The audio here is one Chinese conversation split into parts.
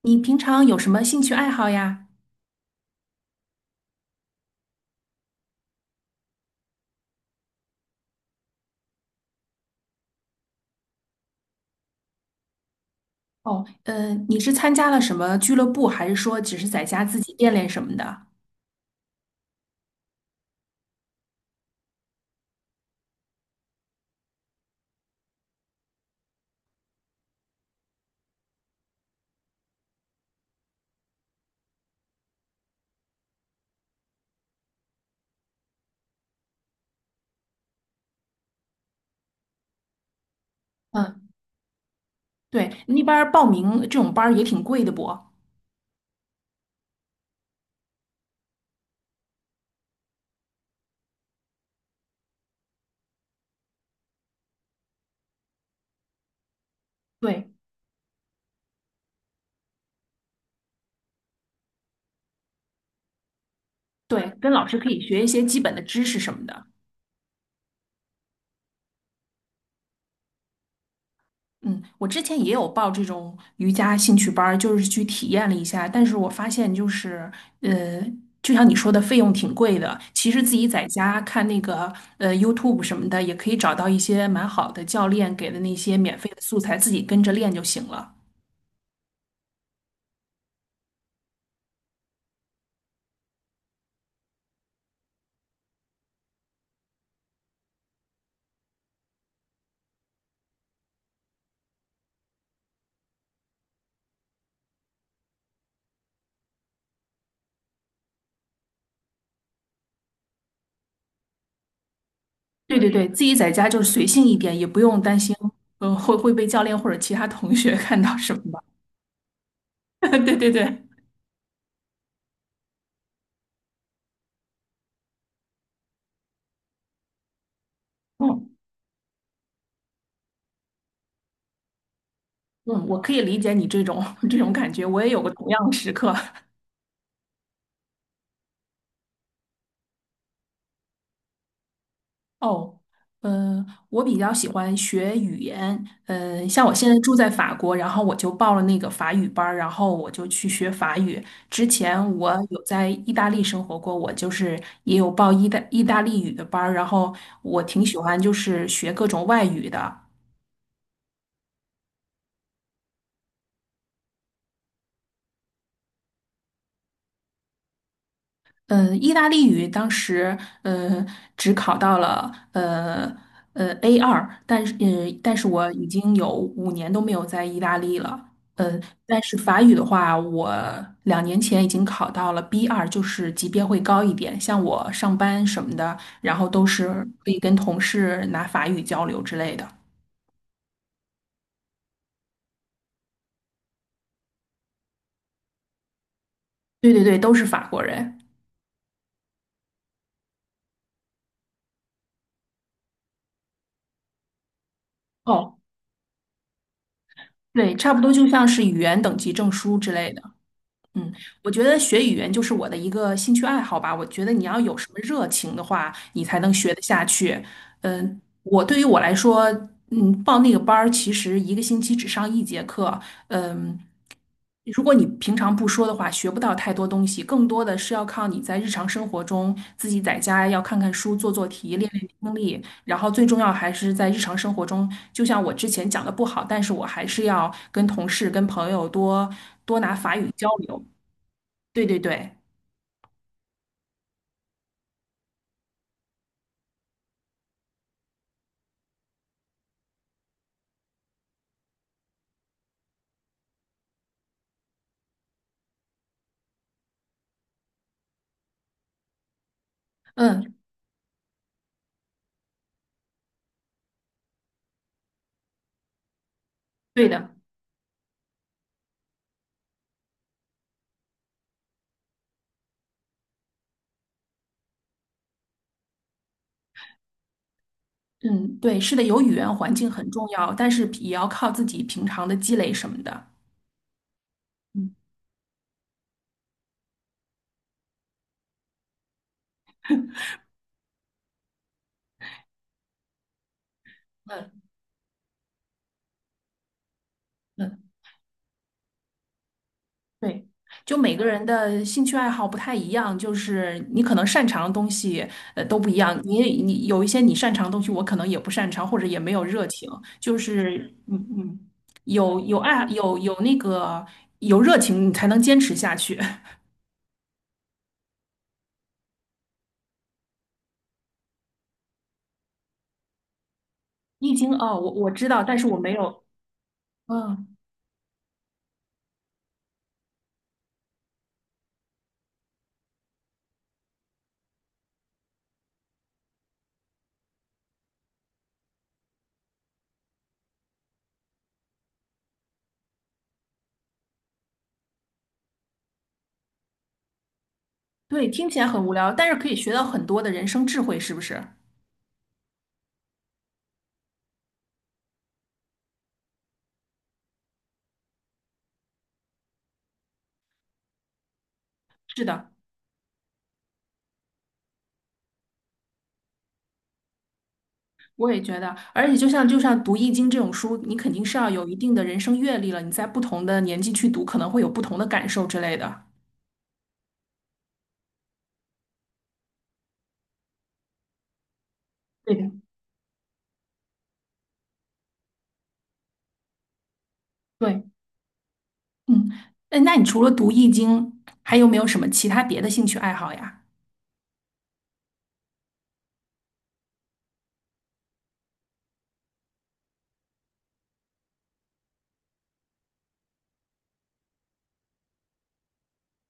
你平常有什么兴趣爱好呀？哦，你是参加了什么俱乐部，还是说只是在家自己练练什么的？嗯，对，那边儿报名这种班儿也挺贵的不？对对，跟老师可以学一些基本的知识什么的。嗯，我之前也有报这种瑜伽兴趣班儿，就是去体验了一下，但是我发现就是，呃，就像你说的，费用挺贵的。其实自己在家看那个YouTube 什么的，也可以找到一些蛮好的教练给的那些免费的素材，自己跟着练就行了。对对对，自己在家就是随性一点，也不用担心，呃，会被教练或者其他同学 看到什么吧。对对对，嗯嗯，我可以理解你这种 这种感觉，我也有过同样的时刻。哦，嗯、我比较喜欢学语言，嗯、像我现在住在法国，然后我就报了那个法语班儿然后我就去学法语。之前我有在意大利生活过，我就是也有报意大利语的班儿然后我挺喜欢就是学各种外语的，意大利语当时呃只考到了a 二，但是但是我已经有5年都没有在意大利了。但是法语的话，我2年前已经考到了 b 二，就是级别会高一点。像我上班什么的，然后都是可以跟同事拿法语交流之类的。对对对，都是法国人。哦，对，差不多就像是语言等级证书之类的。嗯，我觉得学语言就是我的一个兴趣爱好吧。我觉得你要有什么热情的话，你才能学得下去。嗯，我对于我来说，嗯，报那个班儿其实一个星期只上一节课。嗯，如果你平常不说的话，学不到太多东西，更多的是要靠你在日常生活中自己在家要看看书、做做题、练练听力，然后最重要还是在日常生活中，就像我之前讲的不好，但是我还是要跟同事、跟朋友多多拿法语交流。对对对，嗯，对的，嗯，对，是的，有语言环境很重要，但是也要靠自己平常的积累什么的。嗯嗯嗯，对，就每个人的兴趣爱好不太一样，就是你可能擅长的东西都不一样，你有一些你擅长的东西，我可能也不擅长，或者也没有热情，就是嗯嗯，有有热情，你才能坚持下去。你已经哦，我知道，但是我没有，嗯。对，听起来很无聊，但是可以学到很多的人生智慧，是不是？是的，我也觉得。而且就像读易经这种书，你肯定是要有一定的人生阅历了，你在不同的年纪去读，可能会有不同的感受之类的。对的，对，嗯，哎，那你除了读易经，还有没有什么其他别的兴趣爱好呀？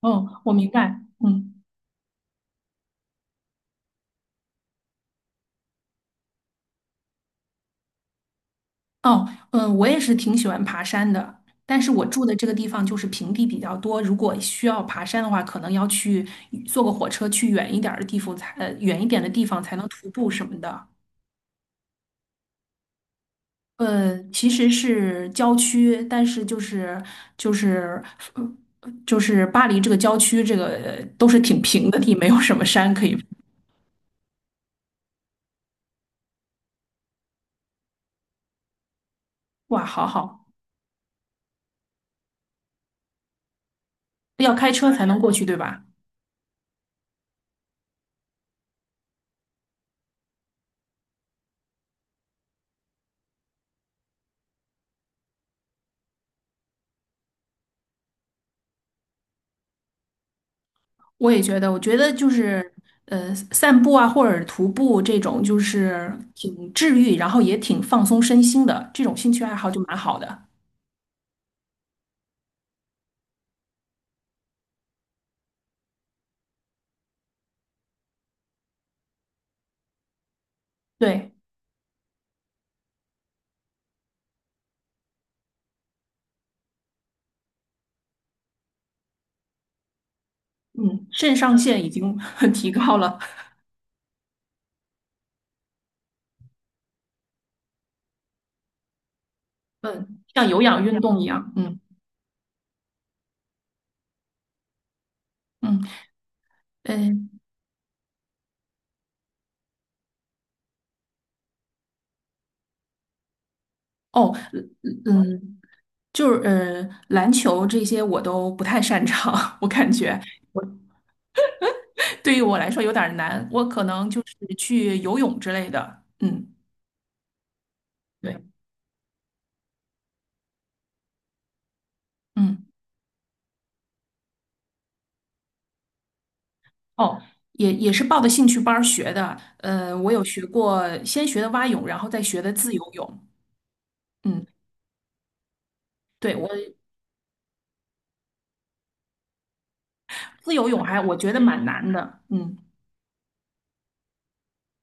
嗯，我明白。嗯。哦，嗯，我也是挺喜欢爬山的，但是我住的这个地方就是平地比较多，如果需要爬山的话，可能要去坐个火车去远一点儿的地方才，远一点的地方才能徒步什么的。呃，其实是郊区，但是就是就是呃就是巴黎这个郊区，这个都是挺平的地，没有什么山可以。哇，好好，要开车才能过去，对吧？我也觉得，我觉得就是散步啊，或者徒步这种，就是挺治愈，然后也挺放松身心的，这种兴趣爱好就蛮好的。对，嗯，肾上腺已经 提高了，嗯，像有氧运动一样，嗯嗯嗯，哦，嗯，篮球这些我都不太擅长，我感觉我对于我来说有点儿难，我可能就是去游泳之类的，嗯，对，嗯。哦，也也是报的兴趣班儿学的。我有学过，先学的蛙泳，然后再学的自由泳。嗯，对，我自由泳还我觉得蛮难的。嗯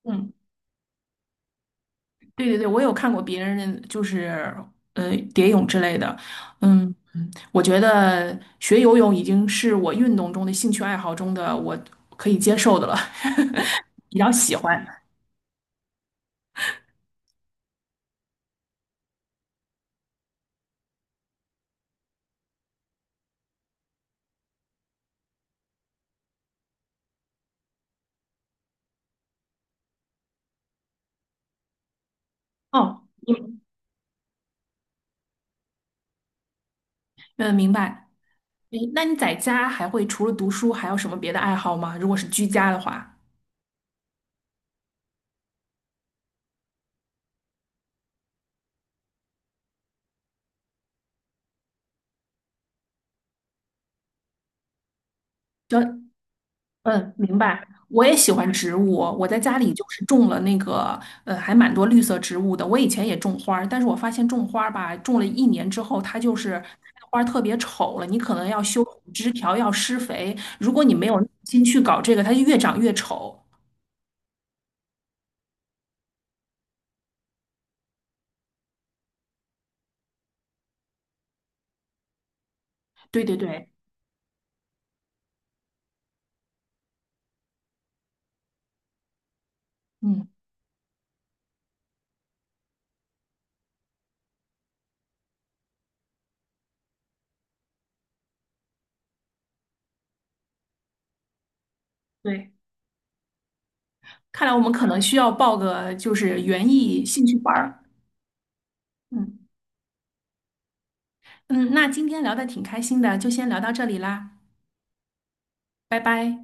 嗯，对对对，我有看过别人就是蝶泳之类的。嗯嗯，我觉得学游泳已经是我运动中的兴趣爱好中的我可以接受的了，比较喜欢。哦，嗯，明白。诶那你在家还会除了读书还有什么别的爱好吗？如果是居家的话。就嗯，明白。我也喜欢植物，我在家里就是种了那个还蛮多绿色植物的。我以前也种花儿，但是我发现种花儿吧，种了一年之后，它就是开的花儿特别丑了。你可能要修枝条，要施肥。如果你没有耐心去搞这个，它就越长越丑。对对对，嗯，对。看来我们可能需要报个就是园艺兴趣班儿。嗯嗯，那今天聊的挺开心的，就先聊到这里啦，拜拜。